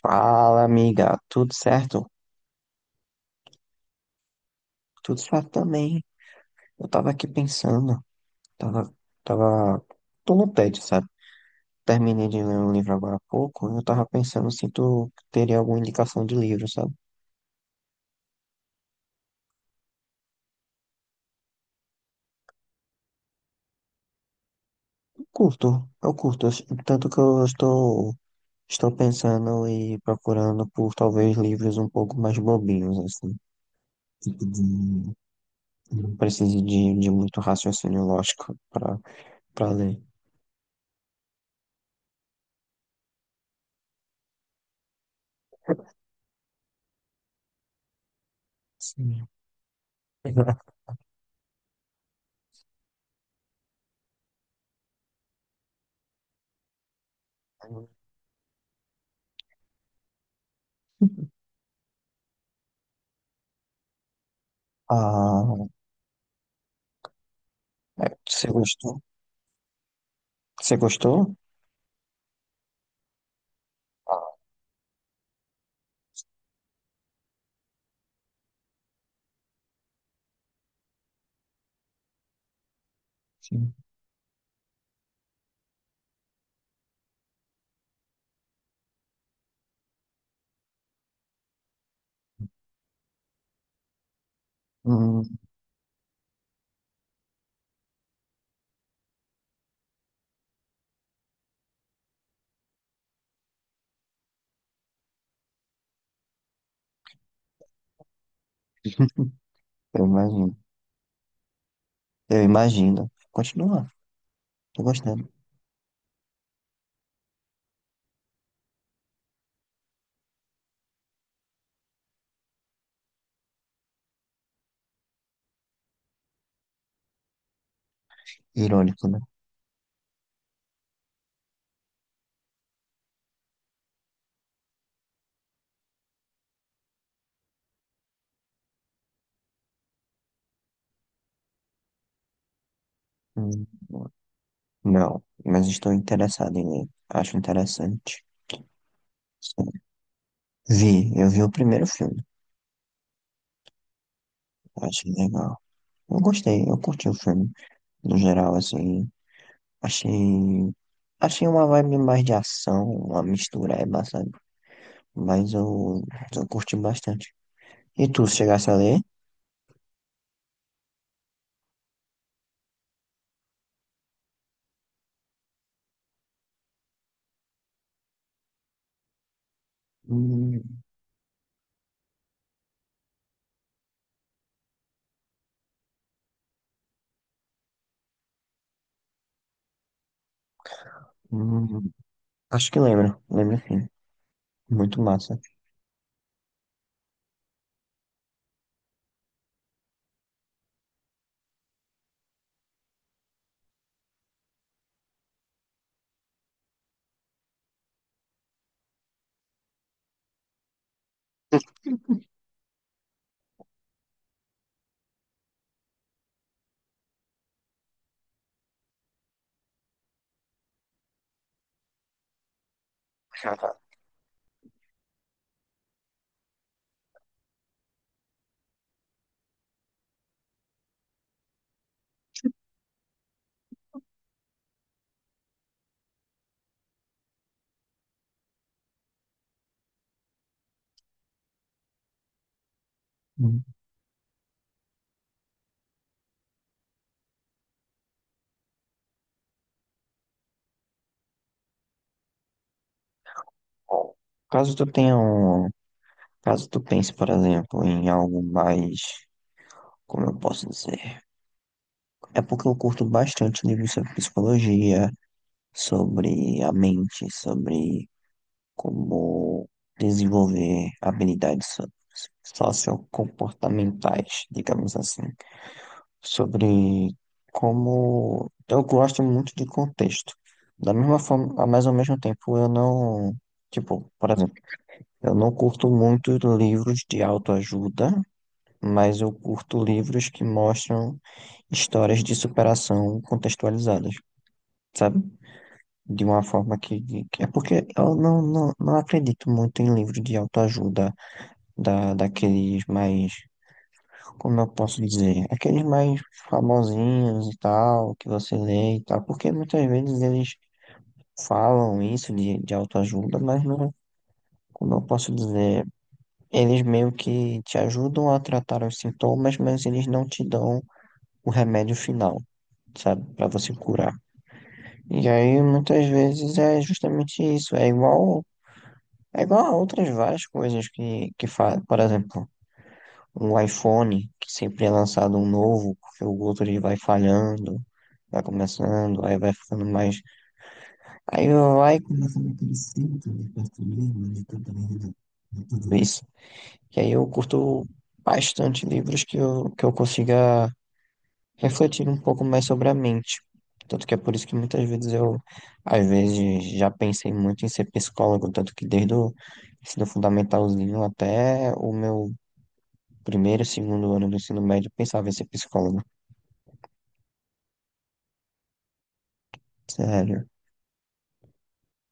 Fala, amiga, tudo certo? Tudo certo também. Eu tava aqui pensando, tava, tava, tô no tédio, sabe? Terminei de ler um livro agora há pouco, e eu tava pensando se tu teria alguma indicação de livro, sabe? Eu curto, tanto que eu estou pensando e procurando por talvez livros um pouco mais bobinhos, assim, de- não precise de muito raciocínio lógico para ler. Sim. Ah, é, você gostou? Você gostou? Sim. Hum. Eu imagino. Eu imagino. Continua. Tô gostando. Irônico, né? Hum, Não, mas estou interessado em ler. Acho interessante. Sim. Eu vi o primeiro filme. Achei legal. Eu gostei, eu curti o filme. No geral, assim, achei. Achei uma vibe mais de ação, uma mistura é bastante. Mas eu curti bastante. E tu, se chegasse a ler? Hum, hum, Acho que lembro, lembro sim. Muito massa. Uhum. Bom, caso tu tenha um, caso tu pense, por exemplo, em algo mais, como eu posso dizer, é porque eu curto bastante livros sobre psicologia, sobre a mente, sobre como desenvolver habilidades sociocomportamentais, digamos assim. Sobre como eu gosto muito de contexto. Da mesma forma, mas ao mesmo tempo eu não, tipo, por exemplo, eu não curto muito livros de autoajuda, mas eu curto livros que mostram histórias de superação contextualizadas, sabe? De uma forma que é porque eu não acredito muito em livros de autoajuda daqueles mais, como eu posso dizer, aqueles mais famosinhos e tal, que você lê e tal, porque muitas vezes eles falam isso de autoajuda, mas não, como eu posso dizer, eles meio que te ajudam a tratar os sintomas, mas eles não te dão o remédio final, sabe, para você curar. E aí muitas vezes é justamente isso, é igual a outras várias coisas que fazem, por exemplo, o iPhone, que sempre é lançado um novo, porque o outro ele vai falhando, vai começando, aí vai ficando mais. Aí vai começando aquele ciclo de perfumismo, de tudo isso. Que aí eu curto bastante livros que eu consiga refletir um pouco mais sobre a mente. Tanto que é por isso que muitas vezes eu, às vezes, já pensei muito em ser psicólogo, tanto que desde o ensino fundamentalzinho até o meu primeiro, segundo ano do ensino médio, eu pensava em ser psicólogo. Sério.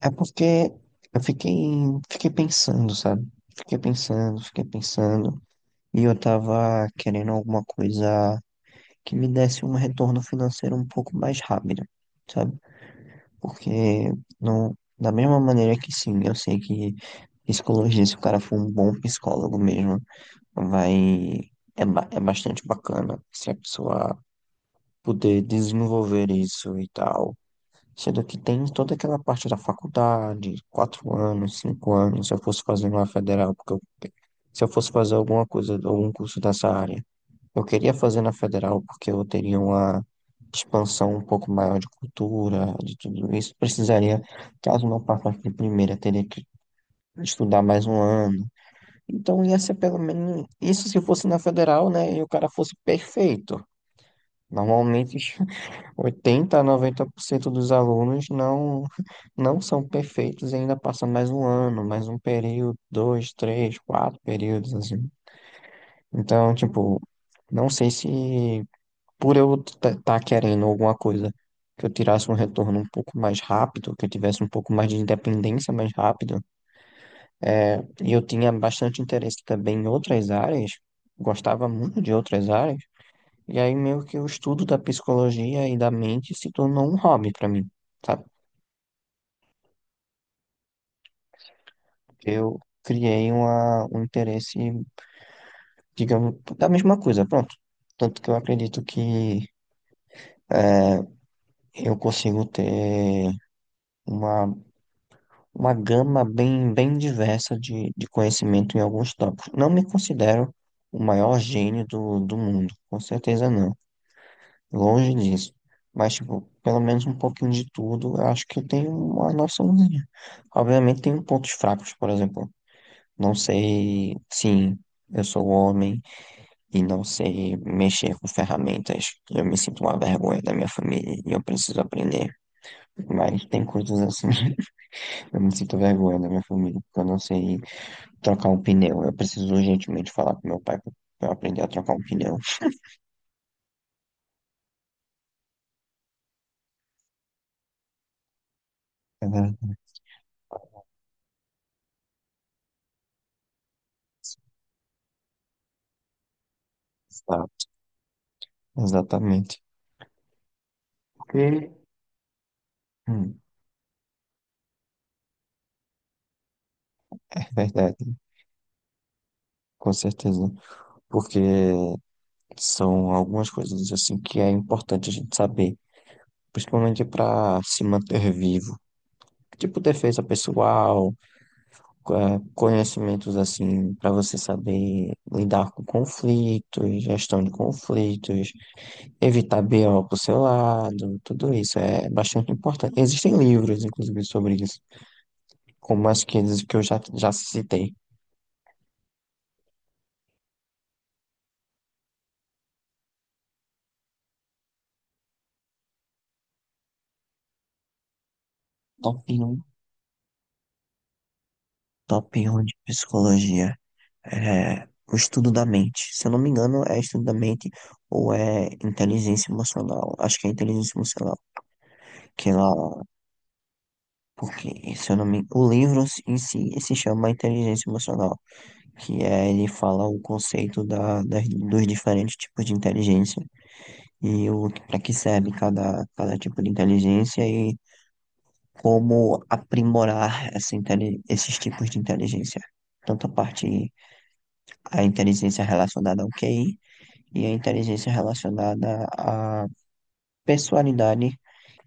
É porque eu fiquei pensando, sabe? Fiquei pensando, fiquei pensando. E eu tava querendo alguma coisa que me desse um retorno financeiro um pouco mais rápido, sabe? Porque não, da mesma maneira que sim, eu sei que psicologia, se o cara for um bom psicólogo mesmo, vai, é bastante bacana se a pessoa puder desenvolver isso e tal. Sendo que tem toda aquela parte da faculdade, 4 anos, 5 anos, se eu fosse fazer uma federal, porque eu, se eu fosse fazer alguma coisa, algum curso dessa área, eu queria fazer na federal porque eu teria uma expansão um pouco maior de cultura, de tudo isso. Precisaria, caso não passasse de primeira, teria que estudar mais um ano. Então ia ser pelo menos isso se fosse na federal, né? E o cara fosse perfeito. Normalmente 80 a 90% dos alunos não são perfeitos e ainda passa mais um ano, mais um período, dois, três, quatro períodos, assim. Então, tipo, não sei se por eu estar querendo alguma coisa que eu tirasse um retorno um pouco mais rápido, que eu tivesse um pouco mais de independência mais rápido, e eu tinha bastante interesse também em outras áreas, gostava muito de outras áreas, e aí meio que o estudo da psicologia e da mente se tornou um hobby para mim, sabe? Eu criei um interesse, digamos, da mesma coisa, pronto. Tanto que eu acredito que eu consigo ter uma, uma gama bem, bem diversa de conhecimento em alguns tópicos. Não me considero o maior gênio do mundo, com certeza não, longe disso. Mas, tipo, pelo menos um pouquinho de tudo, eu acho que eu tenho uma noçãozinha. Obviamente, tenho pontos fracos, por exemplo. Não sei, sim, eu sou homem. E não sei mexer com ferramentas. Eu me sinto uma vergonha da minha família e eu preciso aprender. Mas tem coisas assim, eu me sinto vergonha da minha família, porque eu não sei trocar um pneu. Eu preciso urgentemente falar com meu pai para aprender a trocar um pneu. É verdade. Exato. Exatamente. Porque, hum, é verdade, com certeza. Porque são algumas coisas assim que é importante a gente saber, principalmente para se manter vivo. Tipo defesa pessoal, conhecimentos assim para você saber lidar com conflitos, gestão de conflitos, evitar BO pro seu lado, tudo isso é bastante importante. Existem livros, inclusive, sobre isso, como as que eu já citei. Top 1, top 1 de psicologia. É, o estudo da mente. Se eu não me engano, é estudo da mente ou é inteligência emocional. Acho que é inteligência emocional. Que lá, porque, se eu não me, o livro em si se chama Inteligência Emocional, ele fala o conceito dos diferentes tipos de inteligência e o para que serve cada tipo de inteligência e como aprimorar esses tipos de inteligência. Tanto a parte, a inteligência relacionada ao QI, e a inteligência relacionada à personalidade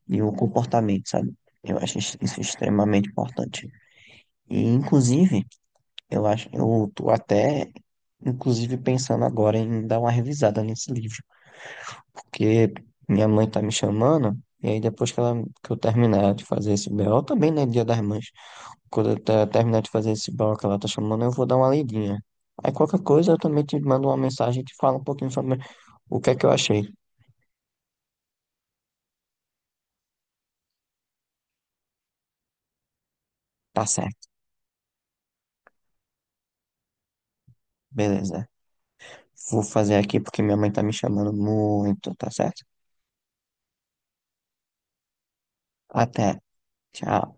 e o comportamento, sabe? Eu acho isso extremamente importante. E, inclusive, eu tô até, inclusive, pensando agora em dar uma revisada nesse livro, porque minha mãe tá me chamando, e aí depois que eu terminar de fazer esse BO, também, né, Dia das Mães, quando eu terminar de fazer esse BO que ela tá chamando, eu vou dar uma lidinha. Aí qualquer coisa eu também te mando uma mensagem e te falo um pouquinho sobre o que é que eu achei. Tá certo, beleza. Vou fazer aqui porque minha mãe tá me chamando muito, tá certo? Até. Tchau.